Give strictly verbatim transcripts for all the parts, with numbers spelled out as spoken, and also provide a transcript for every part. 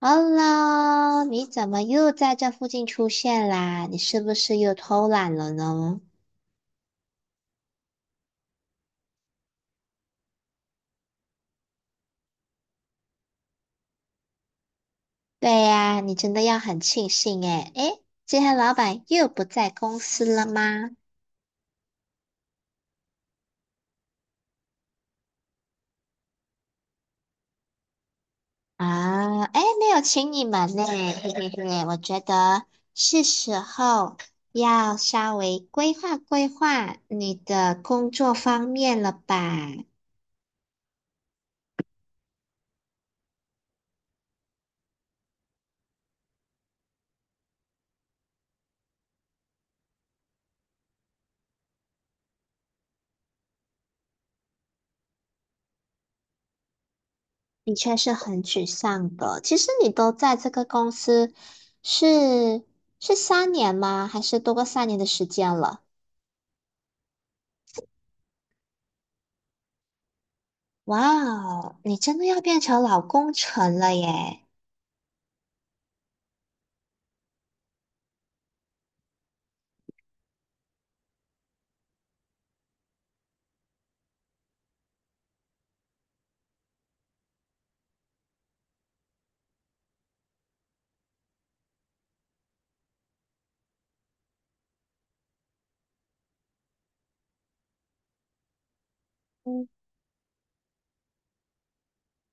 Hello,你怎么又在这附近出现啦？你是不是又偷懒了呢？对呀，你真的要很庆幸诶。诶，今天老板又不在公司了吗？啊，诶，没有请你们呢，嘿嘿嘿，我觉得是时候要稍微规划规划你的工作方面了吧？的确是很沮丧的。其实你都在这个公司是是三年吗？还是多过三年的时间了？哇哦，你真的要变成老工程了耶！嗯，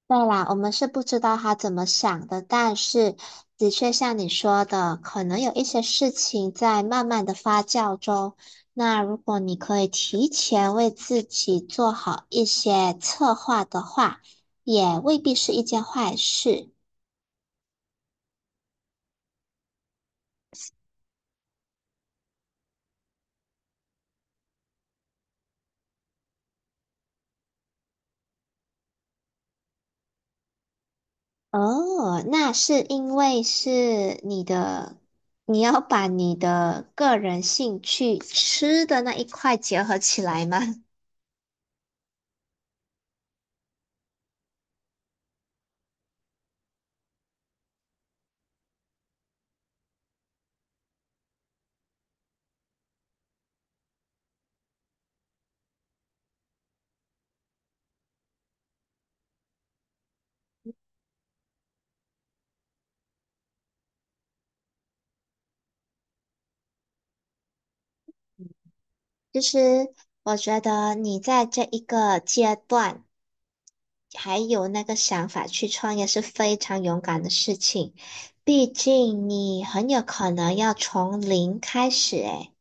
对啦，我们是不知道他怎么想的，但是的确像你说的，可能有一些事情在慢慢的发酵中。那如果你可以提前为自己做好一些策划的话，也未必是一件坏事。哦，那是因为是你的，你要把你的个人兴趣吃的那一块结合起来吗？就是我觉得你在这一个阶段还有那个想法去创业是非常勇敢的事情，毕竟你很有可能要从零开始，诶，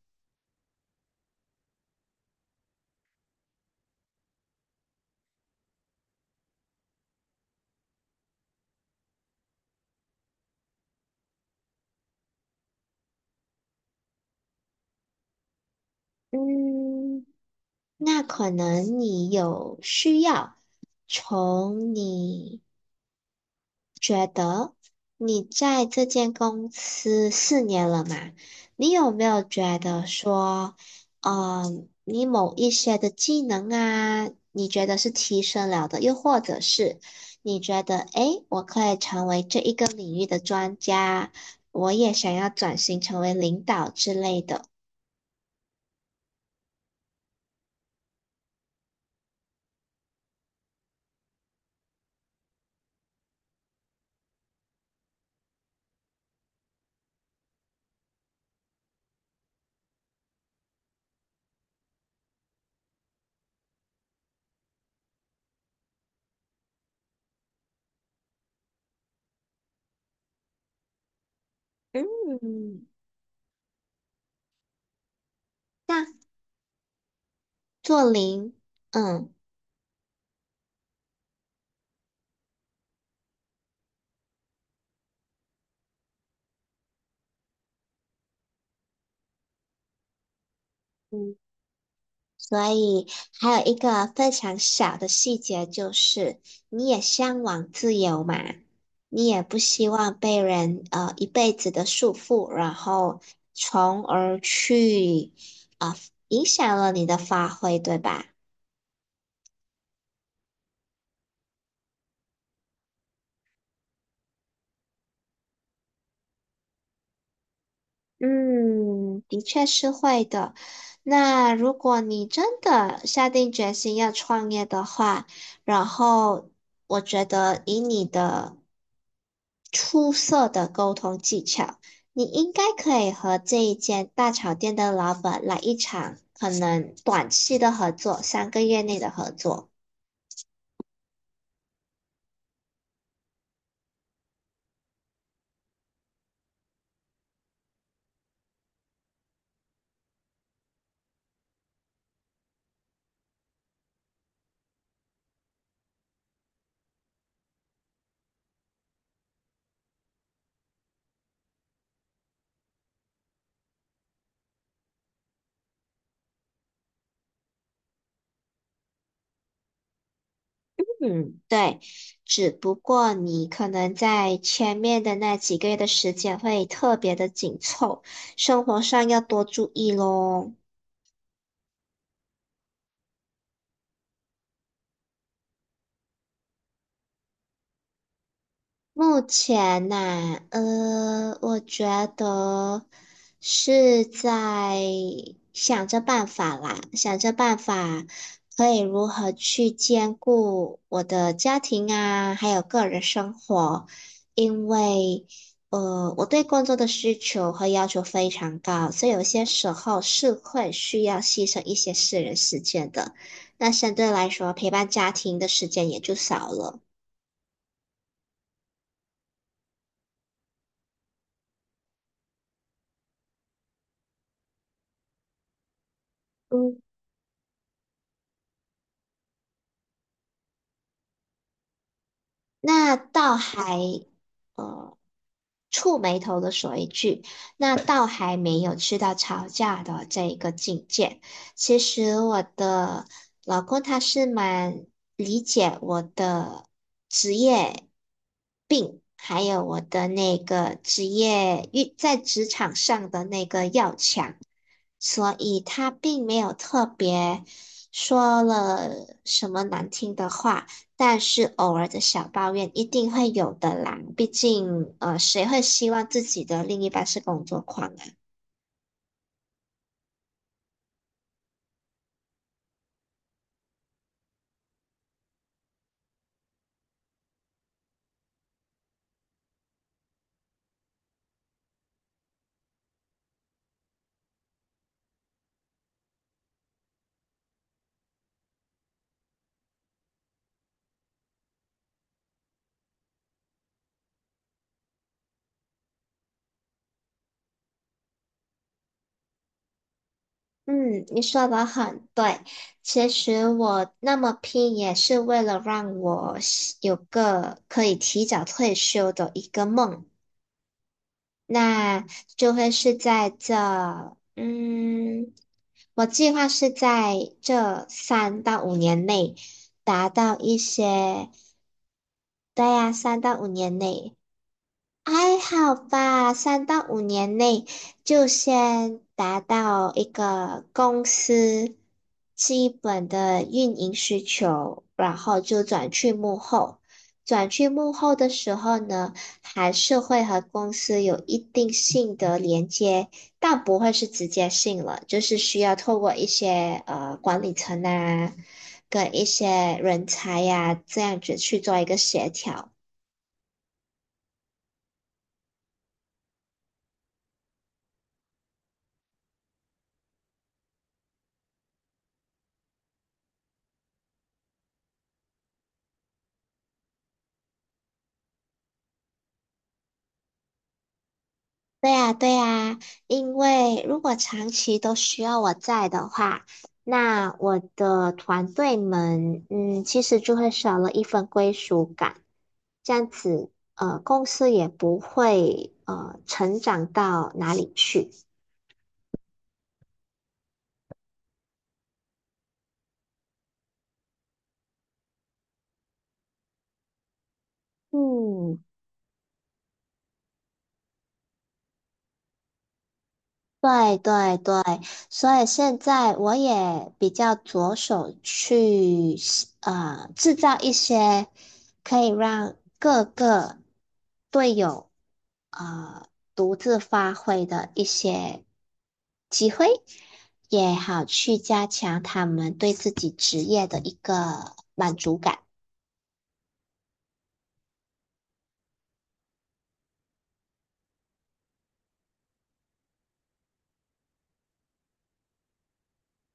嗯，那可能你有需要从你。觉得你在这间公司四年了嘛，你有没有觉得说，嗯，你某一些的技能啊，你觉得是提升了的，又或者是你觉得，诶，我可以成为这一个领域的专家，我也想要转型成为领导之类的。嗯，那做零，嗯。所以还有一个非常小的细节就是，你也向往自由嘛，你也不希望被人呃一辈子的束缚，然后从而去啊、呃影响了你的发挥，对吧？嗯，的确是会的。那如果你真的下定决心要创业的话，然后我觉得以你的出色的沟通技巧，你应该可以和这一间大炒店的老板来一场可能短期的合作，三个月内的合作。嗯，对，只不过你可能在前面的那几个月的时间会特别的紧凑，生活上要多注意咯。目前呢、呃，我觉得是在想着办法啦，想着办法可以如何去兼顾我的家庭啊，还有个人生活，因为呃，我对工作的需求和要求非常高，所以有些时候是会需要牺牲一些私人时间的，那相对来说，陪伴家庭的时间也就少了。嗯。那倒还呃触眉头的说一句，那倒还没有去到吵架的这一个境界。其实我的老公他是蛮理解我的职业病，还有我的那个职业遇在职场上的那个要强，所以他并没有特别说了什么难听的话。但是偶尔的小抱怨一定会有的啦，毕竟呃，谁会希望自己的另一半是工作狂啊？嗯，你说的很对。其实我那么拼也是为了让我有个可以提早退休的一个梦，那就会是在这，嗯，我计划是在这三到五年内达到一些，对呀，三到五年内。还好吧，三到五年内就先达到一个公司基本的运营需求，然后就转去幕后。转去幕后的时候呢，还是会和公司有一定性的连接，但不会是直接性了，就是需要透过一些呃管理层啊，跟一些人才呀、这样子去做一个协调。对呀，对呀，因为如果长期都需要我在的话，那我的团队们，嗯，其实就会少了一份归属感。这样子，呃，公司也不会呃成长到哪里去。嗯，对对对，所以现在我也比较着手去呃制造一些可以让各个队友呃独自发挥的一些机会，也好去加强他们对自己职业的一个满足感。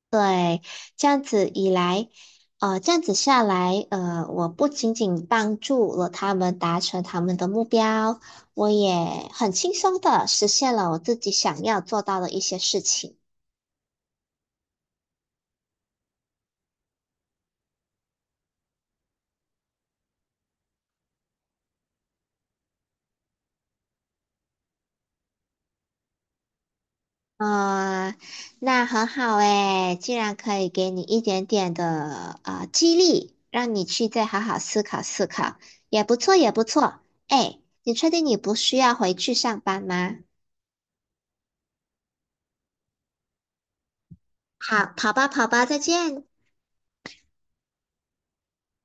对，这样子以来，呃，这样子下来，呃，我不仅仅帮助了他们达成他们的目标，我也很轻松的实现了我自己想要做到的一些事情。啊、那很好诶，既然可以给你一点点的呃激励，让你去再好好思考思考，也不错，也不错。哎，你确定你不需要回去上班吗？好，跑吧，跑吧，再见。